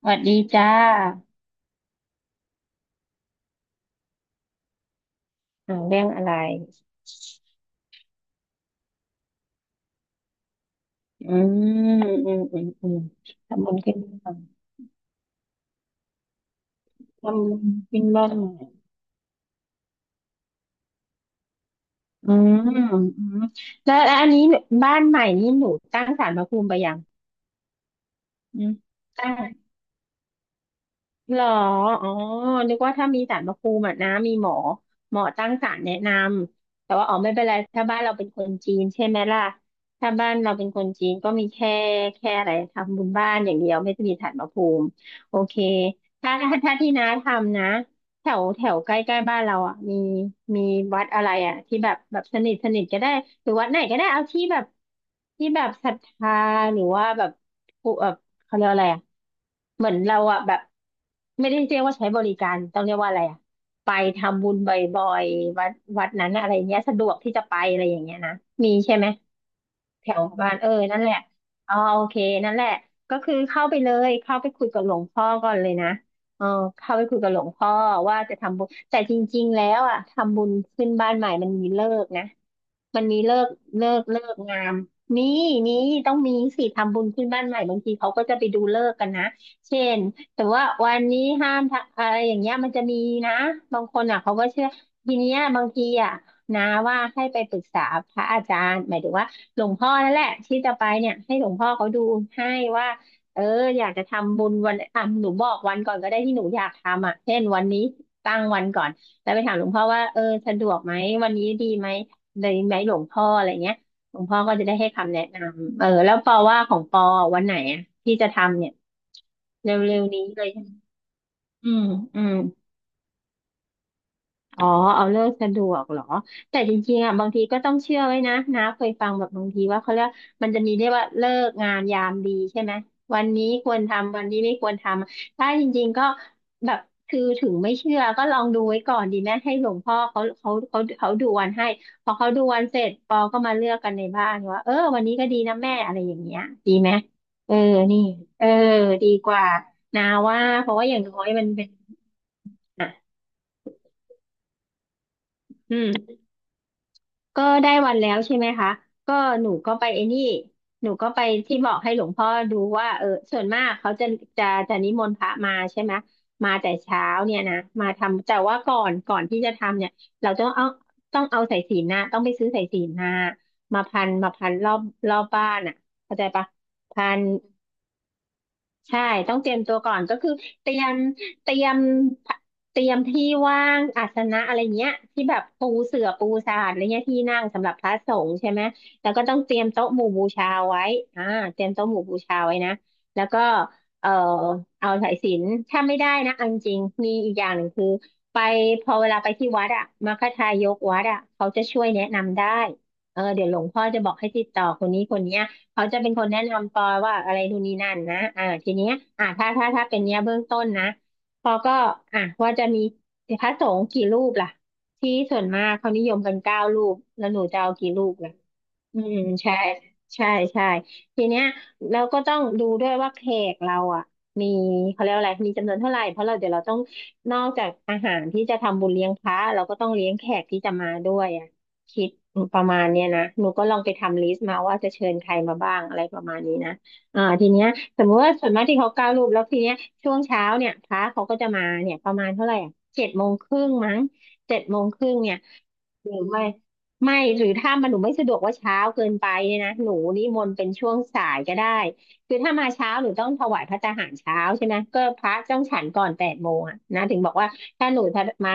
สวัสดีจ้าเรื่องอะไรอืมอืมอืมอืมทำบุญขึ้นบ้านทำบุญขึ้นบ้านใหม่อืมอืมแล้วอันนี้บ้านใหม่นี้หนูตั้งศาลพระภูมิไปยัง อืม ตั้ง หรออ๋อนึกว่าถ้ามีศาลพระภูมิอะนะมีหมอตั้งศาลแนะนำแต่ว่าอ๋อไม่เป็นไรถ้าบ้านเราเป็นคนจีนใช่ไหมล่ะถ้าบ้านเราเป็นคนจีนก็มีแค่อะไรทำบุญบ้านอย่างเดียวไม่ได้มีศาลพระภูมิโอเคถ้าที่น้าทำนะ แถวแถวใกล้ใกล้บ้านเราอ่ะมีวัดอะไรอ่ะที่แบบสนิทสนิทก็ได้หรือวัดไหนก็ได้เอาที่แบบศรัทธาหรือว่าแบบผู้แบบเขาเรียกอะไรอ่ะเหมือนเราอ่ะแบบไม่ได้เรียกว่าใช้บริการต้องเรียกว่าอะไรอ่ะไปทำบุญบ่อยๆวัดนั้นอะอะไรเงี้ยสะดวกที่จะไปอะไรอย่างเงี้ยนะมีใช่ไหม แถวบ้านเออนั่นแหละอ๋อโอเคนั่นแหละก็คือเข้าไปเลยเข้าไปคุยกับหลวงพ่อก่อนเลยนะเออเข้าไปคุยกับหลวงพ่อว่าจะทำบุญแต่จริงๆแล้วอ่ะทำบุญขึ้นบ้านใหม่มันมีเลิกนะมันมีเลิกเลิกงามมีมีต้องมีสิทำบุญขึ้นบ้านใหม่บางทีเขาก็จะไปดูเลิกษ์กันนะเช่นแต่ว่าวันนี้ห้ามทำอะไรอย่างเงี้ยมันจะมีนะบางคนอ่ะเขาก็เชื่อทีเนี้ยบางทีอ่ะนะว่าให้ไปปรึกษาพระอาจารย์หมายถึงว่า หลวงพ่อนั่นแหละที่จะไปเนี่ยให้หลวงพ่อเขาดูให้ว่าเอออยากจะทำบุญวันอ่ะหนูบอกวันก่อนก็ได้ที่หนูอยากทำอ่ะเช่นวันนี้ตั้งวันก่อนแล้วไปถามหลวงพ่อว่าเออสะดวกไหมวันนี้ดีไหมเลยไหมหลวงพ่ออะไรเงี้ยหลวงพ่อก็จะได้ให้คำแนะนำเออแล้วปอว่าของปอวันไหนอ่ะที่จะทำเนี่ยเร็วๆนี้เลยใช่ไหมอืมอืม อ๋อเอาเลิกสะดวกเหรอแต่จริงๆอ่ะบางทีก็ต้องเชื่อไว้นะนะเคยฟังแบบบางทีว่าเขาเรียกมันจะมีเรียกว่าเลิกงานยามดีใช่ไหมวันนี้ควรทำวันนี้ไม่ควรทำถ้าจริงๆก็แบบคือถึงไม่เชื่อก็ลองดูไว้ก่อนดีไหมให้หลวงพ่อเขาดูวันให้พอเขาดูวันเสร็จปอก็มาเลือกกันในบ้านว่าเออวันนี้ก็ดีนะแม่อะไรอย่างเงี้ยดีไหมเออนี่เออดีกว่านาว่าเพราะว่าอย่างน้อยมันเป็นอ่ะอืม ก็ได้วันแล้วใช่ไหมคะก็หนูก็ไปไอ้นี่หนูก็ไปที่บอกให้หลวงพ่อดูว่าเออส่วนมากเขาจะนิมนต์พระมาใช่ไหมมาแต่เช้าเนี่ยนะมาทำแต่ว่าก่อนที่จะทำเนี่ยเราต้องเอาสายสิญจน์นะต้องไปซื้อสายสิญจน์มาพันรอบบ้านอ่ะเข้าใจปะพัน ใช่ต้องเตรียมตัวก่อนก็คือเตรียมเตรียมเตรียมที่ว่างอาสนะอะไรเงี้ยที่แบบปูเสื่อปูสาดอะไรเงี้ยที่นั่งสำหรับพระสงฆ์ใช่ไหมแล้วก็ต้องเตรียมโต๊ะหมู่บูชาไว้อ่าเตรียมโต๊ะหมู่บูชาไว้นะแล้วก็เอ่อเอาสายสิญจน์ถ้าไม่ได้นะเอนจริงมีอีกอย่างหนึ่งคือไปพอเวลาไปที่วัดอะมัคคทายกวัดอะเขาจะช่วยแนะนำได้เออเดี๋ยวหลวงพ่อจะบอกให้ติดต่อคนนี้คนเนี้ย เขาจะเป็นคนแนะนำปอว่าอะไรนู่นนี่นั่นนะทีเนี้ยถ้าเป็นเนี้ยเบื้องต้นนะปอก็อ่ะว่าจะมีพระสงฆ์กี่รูปล่ะ ที่ส่วนมากเขานิยมกัน9 รูป แล้วหนูจะเอากี่รูปล่ะ อืมใช่ใช่ใช่ทีเนี้ยเราก็ต้องดูด้วยว่าแขกเราอ่ะมีเขาเรียกว่าอะไรมีจำนวนเท่าไหร่เพราะเราเดี๋ยวเราต้องนอกจากอาหารที่จะทำบุญเลี้ยงพระเราก็ต้องเลี้ยงแขกที่จะมาด้วยอ่ะคิดประมาณเนี้ยนะหนูก็ลองไปทำลิสต์มาว่าจะเชิญใครมาบ้างอะไรประมาณนี้นะทีเนี้ยสมมติว่าส่วนมากที่เขาก้าวรูปแล้วทีเนี้ยช่วงเช้าเนี่ยพระเขาก็จะมาเนี่ยประมาณเท่าไหร่อ่ะเจ็ดโมงครึ่งมั้งเจ็ดโมงครึ่งเนี่ย หรือไม่ไม่หรือถ้ามันหนูไม่สะดวกว่าเช้าเกินไปเนี่ยนะหนูนิมนต์เป็นช่วงสายก็ได้คือถ้ามาเช้าหนูต้องถวายพระตาหารเช้าใช่ไหมก็พระต้องฉันก่อนแปดโมงอะนะถึงบอกว่าถ้ามา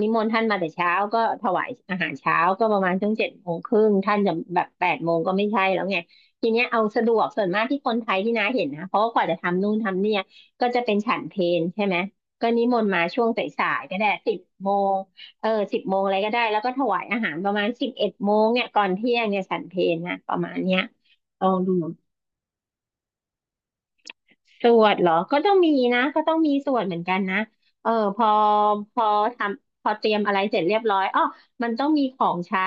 นิมนต์ท่านมาแต่เช้าก็ถวายอาหารเช้าก็ประมาณช่วง7 โมงครึ่งท่านจะแบบแปดโมงก็ไม่ใช่แล้วไงทีเนี้ยเอาสะดวกส่วนมากที่คนไทยที่น้าเห็นนะเพราะว่ากว่าจะทำนู่นทำเนี่ยก็จะเป็นฉันเพลใช่ไหมก็นิมนต์มาช่วงสายๆก็ได้สิบโมง เออ10 โมงอะไรก็ได้แล้วก็ถวายอาหารประมาณ11 โมงเนี่ยก่อนเที่ยงเนี่ยฉันเพลนะประมาณเนี้ยลองดูสวดเหรอก็ต้องมีนะก็ต้องมีสวดเหมือนกันนะเออพอพอทำพอเตรียมอะไรเสร็จเรียบร้อยอ๋อมันต้องมีของใช้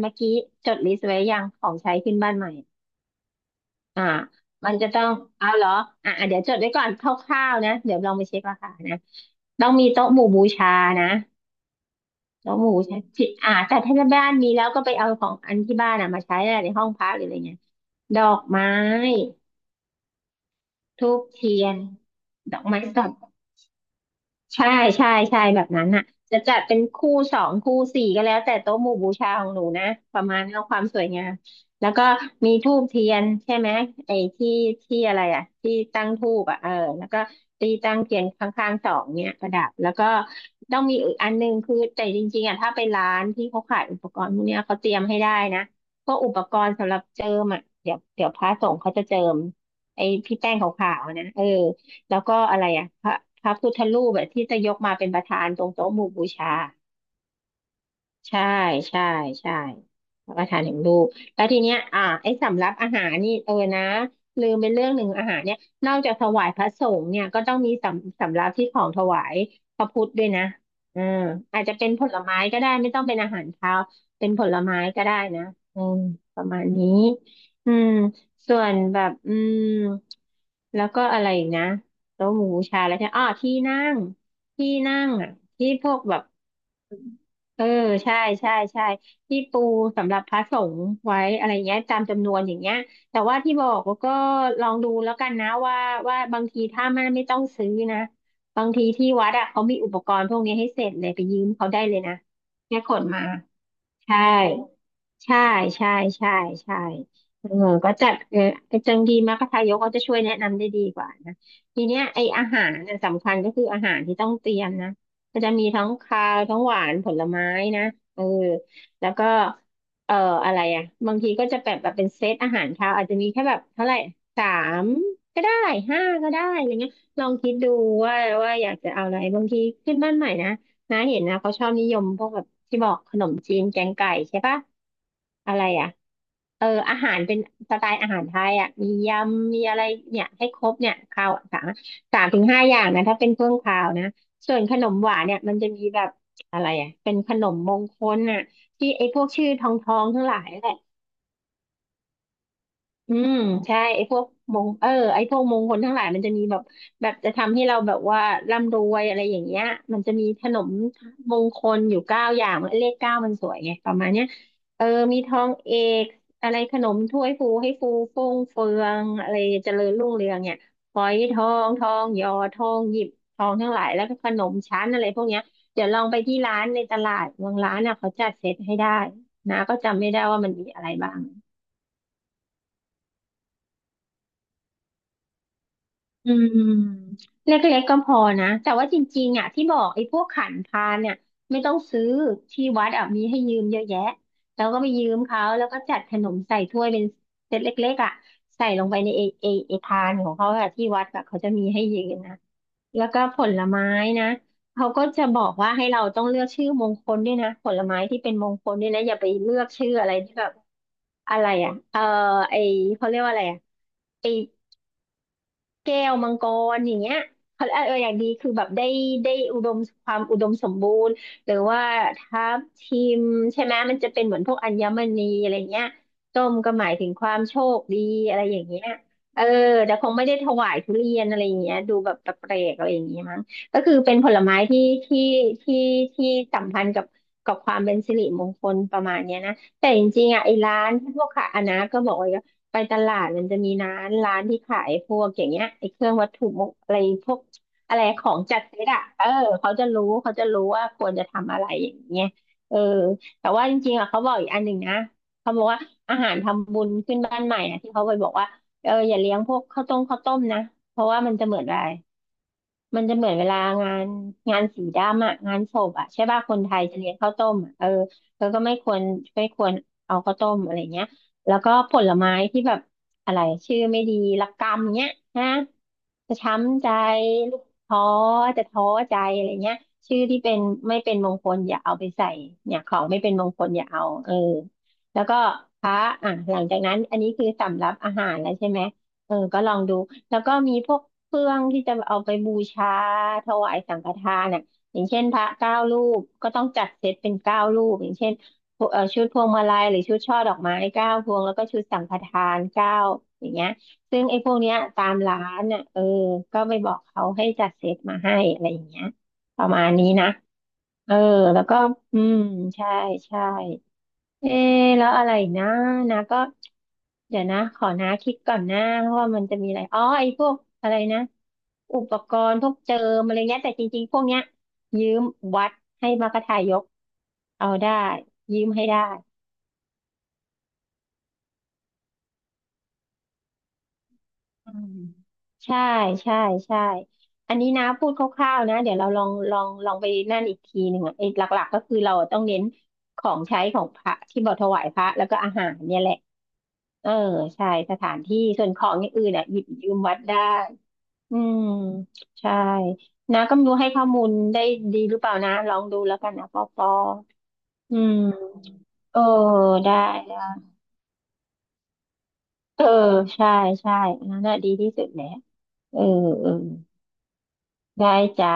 เมื่อกี้จดลิสต์ไว้ยังของใช้ขึ้นบ้านใหม่อ่ามันจะต้องเอาเหรออ่ะอ่ะเดี๋ยวจดไว้ก่อนคร่าวๆนะเดี๋ยวลองไปเช็คราคานะต้องมีโต๊ะหมู่บูชานะ แล้วหมูใช้ที่แต่ถ้าบ้านมีแล้วก็ไปเอาของอันที่บ้านอ่ะมาใช้อหละในห้องพักหรืออะไรเงี้ยดอกไม้ธูปเทียน ดอกไม้สด ใช่ใช่ใช่แบบนั้นน่ะจะจัดเป็นคู่สองคู่สี่ก็แล้วแต่โต๊ะหมู่บูชาของหนูนะประมาณเอาความสวยงามแล้วก็มีธูปเทียนใช่ไหมไอ้ที่ที่อะไรที่ตั้งธูปอ่ะเออแล้วก็ตีตั้งเทียนข้างๆสองเนี่ยประดับแล้วก็ต้องมีอีกอันหนึงคือแต่จริงๆอ่ะถ้าไปร้านที่เขาขายอุปกรณ์พวกเนี้ยเขาเตรียมให้ได้นะพวกอุปกรณ์สำหรับเจิมอ่ะเดี๋ยวพระสงฆ์เขาจะเจิมไอ้พี่แป้งขาวๆนะเออ แล้วก็อะไรอ่ะพระพุทธรูปแบบที่จะยกมาเป็นประธานตรงโต๊ะหมู่บูชา ใช่ใช่ใช่รับประทานถึงลูกแล้วทีเนี้ยไอ้สำรับอาหารนี่เออนะลืมไปเรื่องหนึ่งอาหารเนี่ยนอกจากถวายพระสงฆ์เนี่ยก็ต้องมีสำรับที่ของถวายพระพุทธด้วยนะอืมอาจจะเป็นผลไม้ก็ได้ไม่ต้องเป็นอาหารคาวเป็นผลไม้ก็ได้นะอืมประมาณนี้อืมส่วนแบบอืมแล้วก็อะไรอีกนะโต๊ะหมู่บูชาแล้วใช่อ๋อที่นั่งที่นั่งอ่ะที่พวกแบบ เออใช่ใช่ใช่ที่ปูสำหรับพระสงฆ์ไว้อะไรเงี้ยตามจำนวนอย่างเงี้ยแต่ว่าที่บอกว่าก็ลองดูแล้วกันนะว่าบางทีถ้ามันไม่ต้องซื้อนะบางทีที่วัดอะเขามีอุปกรณ์พวกนี้ให้เสร็จเลยไปยืมเขาได้เลยนะแค่ขนมา ใช่ ใช่ใช่ใช่ใช่เออก็จะเออไอ้จังดีมากทายกก็จะช่วยแนะนำได้ดีกว่านะทีเนี้ยไอ้อาหารน่ะสำคัญก็คืออาหารที่ต้องเตรียมนะก็จะมีทั้งคาวทั้งหวานผลไม้นะเออแล้วก็เอ่ออะไรอ่ะบางทีก็จะแบบเป็นเซตอาหารคาวอาจจะมีแค่แบบเท่าไหร่สามก็ได้ห้าก็ได้อะไรเงี้ยลองคิดดูว่าว่าอยากจะเอาอะไรบางทีขึ้นบ้านใหม่นะ น้าเห็นนะเขาชอบนิยมพวกแบบที่บอกขนมจีนแกงไก่ใช่ปะอะไรอ่ะเอออาหารเป็นสไตล์อาหารไทยอ่ะมียำมีอะไรเนี่ยให้ครบเนี่ยข้าว3 ถึง 5อย่างนะถ้าเป็นเครื่องคาวนะส่วนขนมหวานเนี่ยมันจะมีแบบอะไรอ่ะเป็นขนมมงคลน่ะที่ไอ้พวกชื่อทองทองทั้งหลายแหละ อืมใช่ไอ้พวกมงเออไอ้พวกมงคลทั้งหลายมันจะมีแบบแบบจะทำให้เราแบบว่าร่ำรวยอะไรอย่างเงี้ยมันจะมีขนมมงคลอยู่9 อย่างเลขเก้ามันสวยไงประมาณเนี้ยเออมีทองเอกอะไรขนมถ้วยฟูให้ฟูฟ่งเฟืองอะไรเจริญรุ่งเรืองเนี่ยฝอยทองทองหยอทองหยิบทองทั้งหลายแล้วก็ขนมชั้นอะไรพวกเนี้ยเดี๋ยวลองไปที่ร้านในตลาดบางร้านน่ะเขาจัดเซตให้ได้นะก็จำไม่ได้ว่ามันมีอะไรบ้าง อืมเล็กๆก็พอนะแต่ว่าจริงๆอ่ะที่บอกไอ้พวกขันพาเนี่ยไม่ต้องซื้อที่วัดอ่ะมีให้ยืมเยอะแยะแล้วก็ไปยืมเขาแล้วก็จัดขนมใส่ถ้วยเป็นเซตเล็กๆอ่ะใส่ลงไปในไอ้พานของเขาอ่ะที่วัดแบบเขาจะมีให้ยืมนะแล้วก็ผลไม้นะเขาก็จะบอกว่าให้เราต้องเลือกชื่อมงคลด้วยนะผลไม้ที่เป็นมงคลด้วยนะอย่าไปเลือกชื่ออะไรที่แบบอะไรอ่ะเออไอเขาเรียกว่าอะไรอ่ะ แก้วมังกรอย่างเงี้ยเขาเอออย่างดีคือแบบได้ได้อุดมความอุดมสมบูรณ์หรือว่าทับทิมใช่ไหมมันจะเป็นเหมือนพวกอัญมณีอะไรเงี้ยส้มก็หมายถึงความโชคดีอะไรอย่างเงี้ยเออแต่คงไม่ได้ถวายทุเรียนอะไรอย่างเงี้ยดูแบบแปลกๆอะไรอย่างเงี้ยมั้งก็คือเป็นผลไม้ที่ที่สัมพันธ์กับกับความเป็นสิริมงคลประมาณเนี้ยนะแต่จริงๆอ่ะไอ้ร้านพวกขายอันนะก็บอกว่า ไปตลาดมันจะมีร้านที่ขายพวกอย่างเงี้ยไอ้เครื่องวัตถุมงอะไรพวกอะไรของจัดเซตอ่ะเออเขาจะรู้ว่าควรจะทำอะไรอย่างเงี้ยเออแต่ว่าจริงๆอ่ะเขาบอกอีกอันหนึ่งนะเขาบอกว่าอาหารทำบุญขึ้นบ้านใหม่อ่ะที่เขาไปบอกว่าเอออย่าเลี้ยงพวกข้าวต้มนะเพราะว่ามันจะเหมือนอะไร มันจะเหมือนเวลางานงานสีดำอะงานศพอะใช่ป่ะคนไทยจะเลี้ยงข้าวต้มอะเออแล้วก็ไม่ควรเอาข้าวต้มอะไรเงี้ยแล้วก็ผลไม้ที่แบบอะไรชื่อไม่ดีละกำเงี้ยนะจะช้ำใจลูกท้อจะท้อใจอะไรเงี้ยชื่อที่เป็นไม่เป็นมงคลอย่าเอาไปใส่เนี่ยของไม่เป็นมงคลอย่าเอาเออแล้วก็พระอ่ะหลังจากนั้นอันนี้คือสำรับอาหารแล้วใช่ไหมเออก็ลองดู แล้วก็มีพวกเครื่องที่จะเอาไปบูชาถวายสังฆทานอ่ะอย่างเช่นพระเก้ารูปก็ต้องจัดเซตเป็นเก้ารูปอย่างเช่นชุดพวงมาลัยหรือชุดช่อดอกไม้เก้าพวงแล้วก็ชุดสังฆทานเก้าอย่างเงี้ยซึ่งไอ้พวกเนี้ยตามร้านอ่ะเออก็ไปบอกเขาให้จัดเซตมาให้อะไรอย่างเงี้ยประมาณนี้นะเออแล้วก็อืมใช่ใช่ เอ๊ะแล้วอะไรอีกนะนะก็เดี๋ยวนะขอนะคิดก่อนนะเพราะว่ามันจะมีอะไรอ๋อไอ้พวกอะไรนะอุปกรณ์พวกเจิมอะไรเงี้ยแต่จริงๆพวกเนี้ยยืมวัดให้มากระทายกเอาได้ยืมให้ได้อืมใช่ใช่ใช่อันนี้นะพูดคร่าวๆนะเดี๋ยวเราลองไปนั่นอีกทีหนึ่งอ่ะไอ้หลักๆก็คือเราต้องเน้นของใช้ของพระที่เราถวายพระแล้วก็อาหารเนี่ยแหละ เออใช่สถานที่ส่วนของอย่างอื่นอ่ะหยิบยืมวัดได้อืมใช่นะก็ไม่รู้ให้ข้อมูลได้ดีหรือเปล่านะลองดูแล้วกันนะปอปออืมเออได้ได้เออใช่ใช่อันนั่นน่ะดีที่สุดแหละเออเออได้จ้า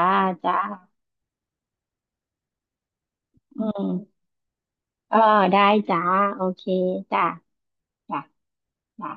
จ้าอืมเออได้จ้าโอเคจ้าจ้าจ้า